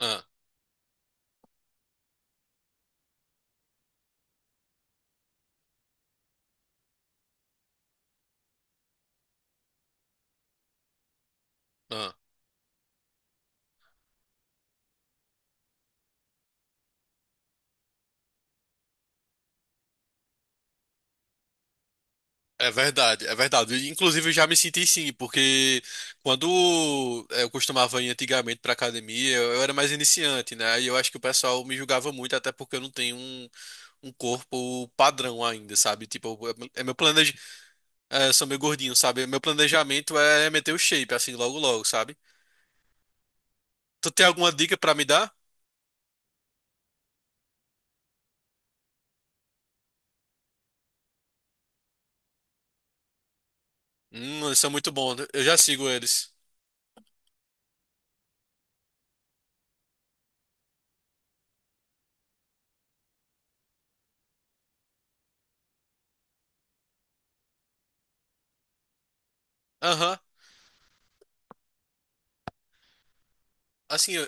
Ah, ah. É verdade, é verdade. E, inclusive, eu já me senti sim, porque quando eu costumava ir antigamente para academia, eu era mais iniciante, né? E eu acho que o pessoal me julgava muito, até porque eu não tenho um corpo padrão ainda, sabe? Tipo, é meu planejamento é, eu sou meio gordinho, sabe? Meu planejamento é meter o shape, assim, logo logo, sabe? Tu tem alguma dica para me dar? Eles são muito bons, eu já sigo eles. Aham. Assim,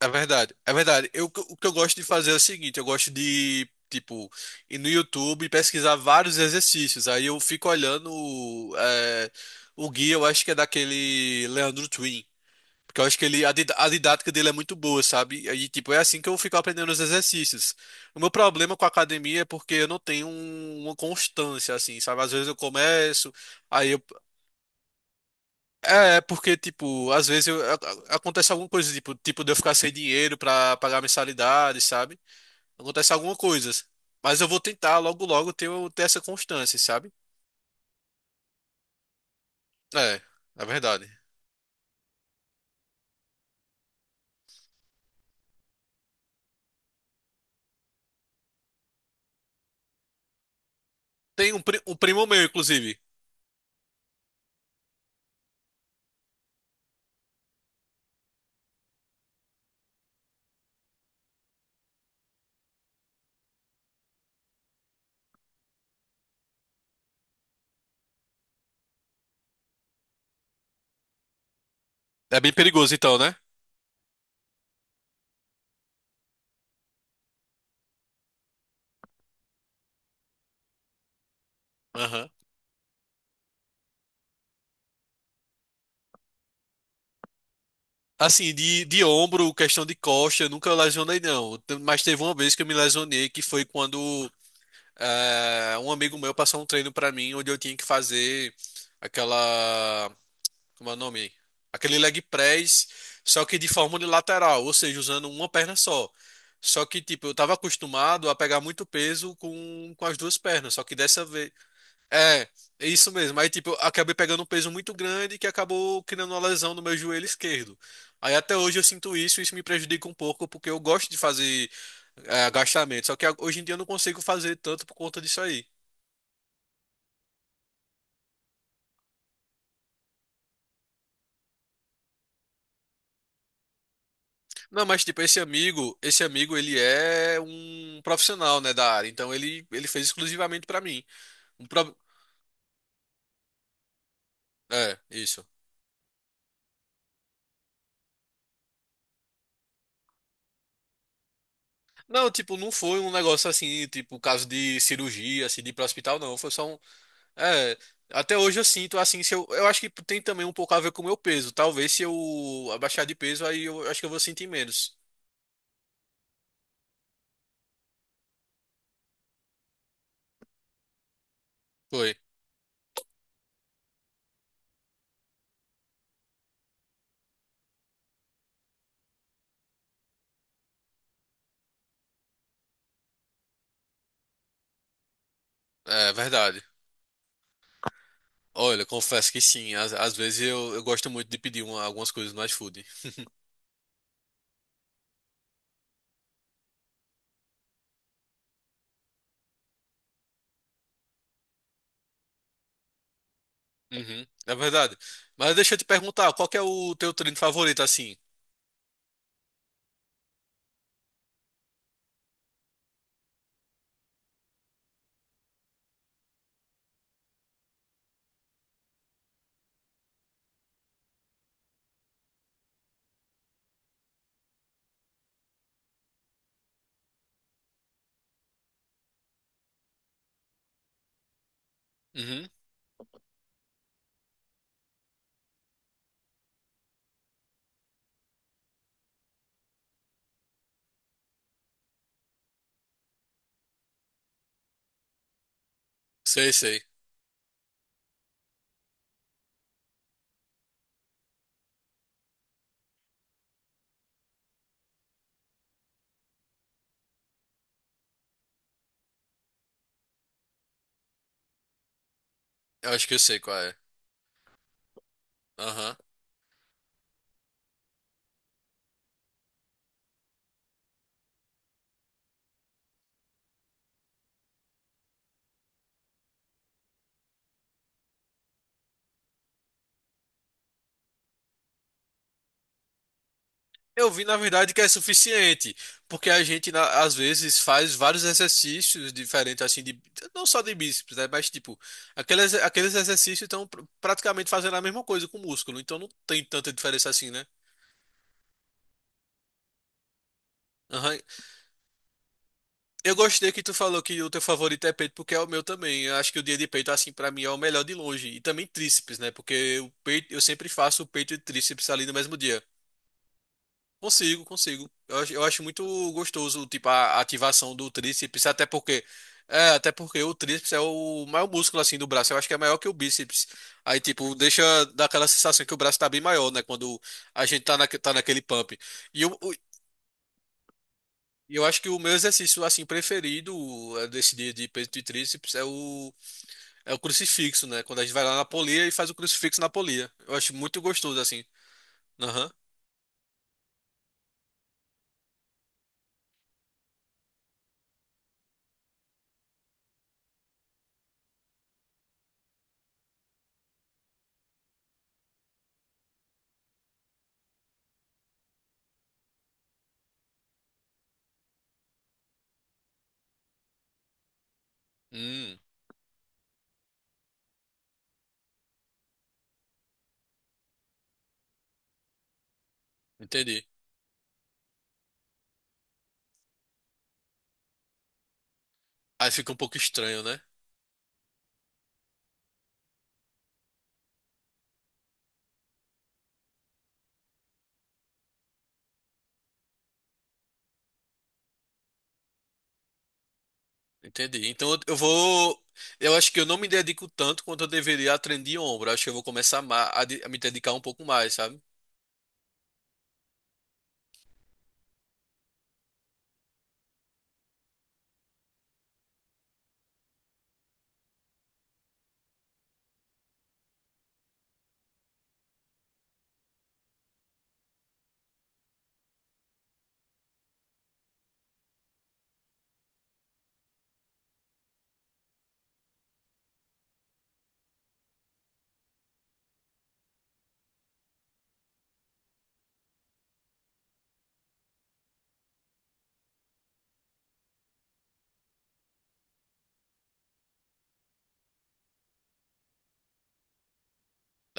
é verdade, é verdade. Eu, o que eu gosto de fazer é o seguinte, eu gosto de, tipo, ir no YouTube e pesquisar vários exercícios. Aí eu fico olhando é, o guia, eu acho que é daquele Leandro Twin. Porque eu acho que ele, a didática dele é muito boa, sabe? Aí, tipo, é assim que eu fico aprendendo os exercícios. O meu problema com a academia é porque eu não tenho uma constância, assim, sabe? Às vezes eu começo, aí eu é, é, porque, tipo, às vezes eu- a- acontece alguma coisa, tipo, de eu ficar sem dinheiro pra pagar a mensalidade, sabe? Acontece alguma coisa. Mas eu vou tentar logo logo ter, ter essa constância, sabe? É, é verdade. Tem um primo meu, inclusive. É bem perigoso, então, né? Aham. Assim, de ombro, questão de costa, eu nunca lesionei, não. Mas teve uma vez que eu me lesionei, que foi quando um amigo meu passou um treino pra mim, onde eu tinha que fazer aquela. Como é o nome? Aquele leg press, só que de forma unilateral, ou seja, usando uma perna só. Só que, tipo, eu tava acostumado a pegar muito peso com as duas pernas, só que dessa vez. É, é isso mesmo. Aí, tipo, eu acabei pegando um peso muito grande que acabou criando uma lesão no meu joelho esquerdo. Aí até hoje eu sinto isso, e isso me prejudica um pouco, porque eu gosto de fazer agachamento, só que hoje em dia eu não consigo fazer tanto por conta disso aí. Não, mas tipo, esse amigo, ele é um profissional, né, da área. Então ele fez exclusivamente pra mim. Um pro... É, isso. Não, tipo, não foi um negócio assim, tipo, caso de cirurgia, assim, de ir pra hospital, não. Foi só um. É, até hoje eu sinto assim, se eu, eu acho que tem também um pouco a ver com o meu peso. Talvez se eu abaixar de peso, aí eu acho que eu vou sentir menos. Foi. É, verdade. Olha, confesso que sim. Às vezes eu gosto muito de pedir algumas coisas no iFood. Uhum, é verdade. Mas deixa eu te perguntar, qual que é o teu treino favorito, assim? Uhum, sei, sei. Eu acho que eu sei qual é. Aham. Eu vi, na verdade, que é suficiente, porque a gente, às vezes, faz vários exercícios diferentes, assim, de, não só de bíceps, né? Mas, tipo, aqueles exercícios estão praticamente fazendo a mesma coisa com o músculo, então não tem tanta diferença assim, né? Aham, eu gostei que tu falou que o teu favorito é peito, porque é o meu também. Eu acho que o dia de peito, assim, pra mim é o melhor de longe. E também tríceps, né? Porque o peito, eu sempre faço o peito e tríceps ali no mesmo dia. Consigo, consigo. Eu acho muito gostoso, tipo, a ativação do tríceps, até porque. É, até porque o tríceps é o maior músculo, assim, do braço. Eu acho que é maior que o bíceps. Aí, tipo, deixa daquela sensação que o braço tá bem maior, né? Quando a gente tá, tá naquele pump. E, o- e eu acho que o meu exercício assim preferido desse dia de peito e tríceps é o é o crucifixo, né? Quando a gente vai lá na polia e faz o crucifixo na polia. Eu acho muito gostoso assim. Aham. Hum, entendi. Aí fica um pouco estranho, né? Entendi. Então eu vou, eu acho que eu não me dedico tanto quanto eu deveria a treino de ombro. Eu acho que eu vou começar a, a me dedicar um pouco mais, sabe?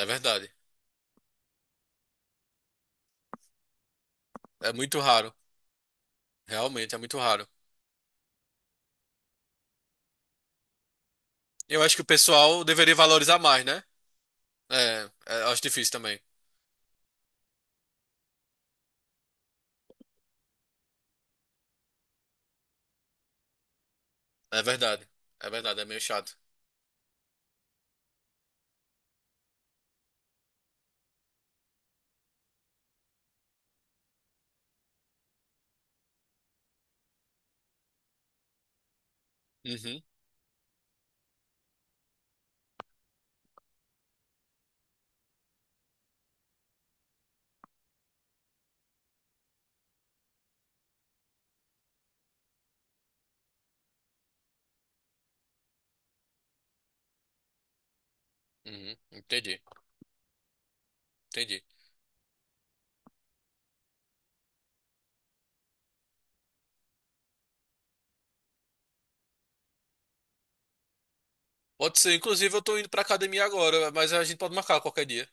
É verdade. É muito raro. Realmente é muito raro. Eu acho que o pessoal deveria valorizar mais, né? É, é, eu acho difícil também. É verdade. É verdade, é meio chato. Uhum, uhum, entendi, entendi. Pode ser, inclusive eu tô indo pra academia agora, mas a gente pode marcar qualquer dia.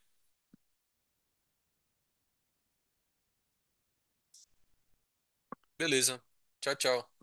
Beleza. Tchau, tchau.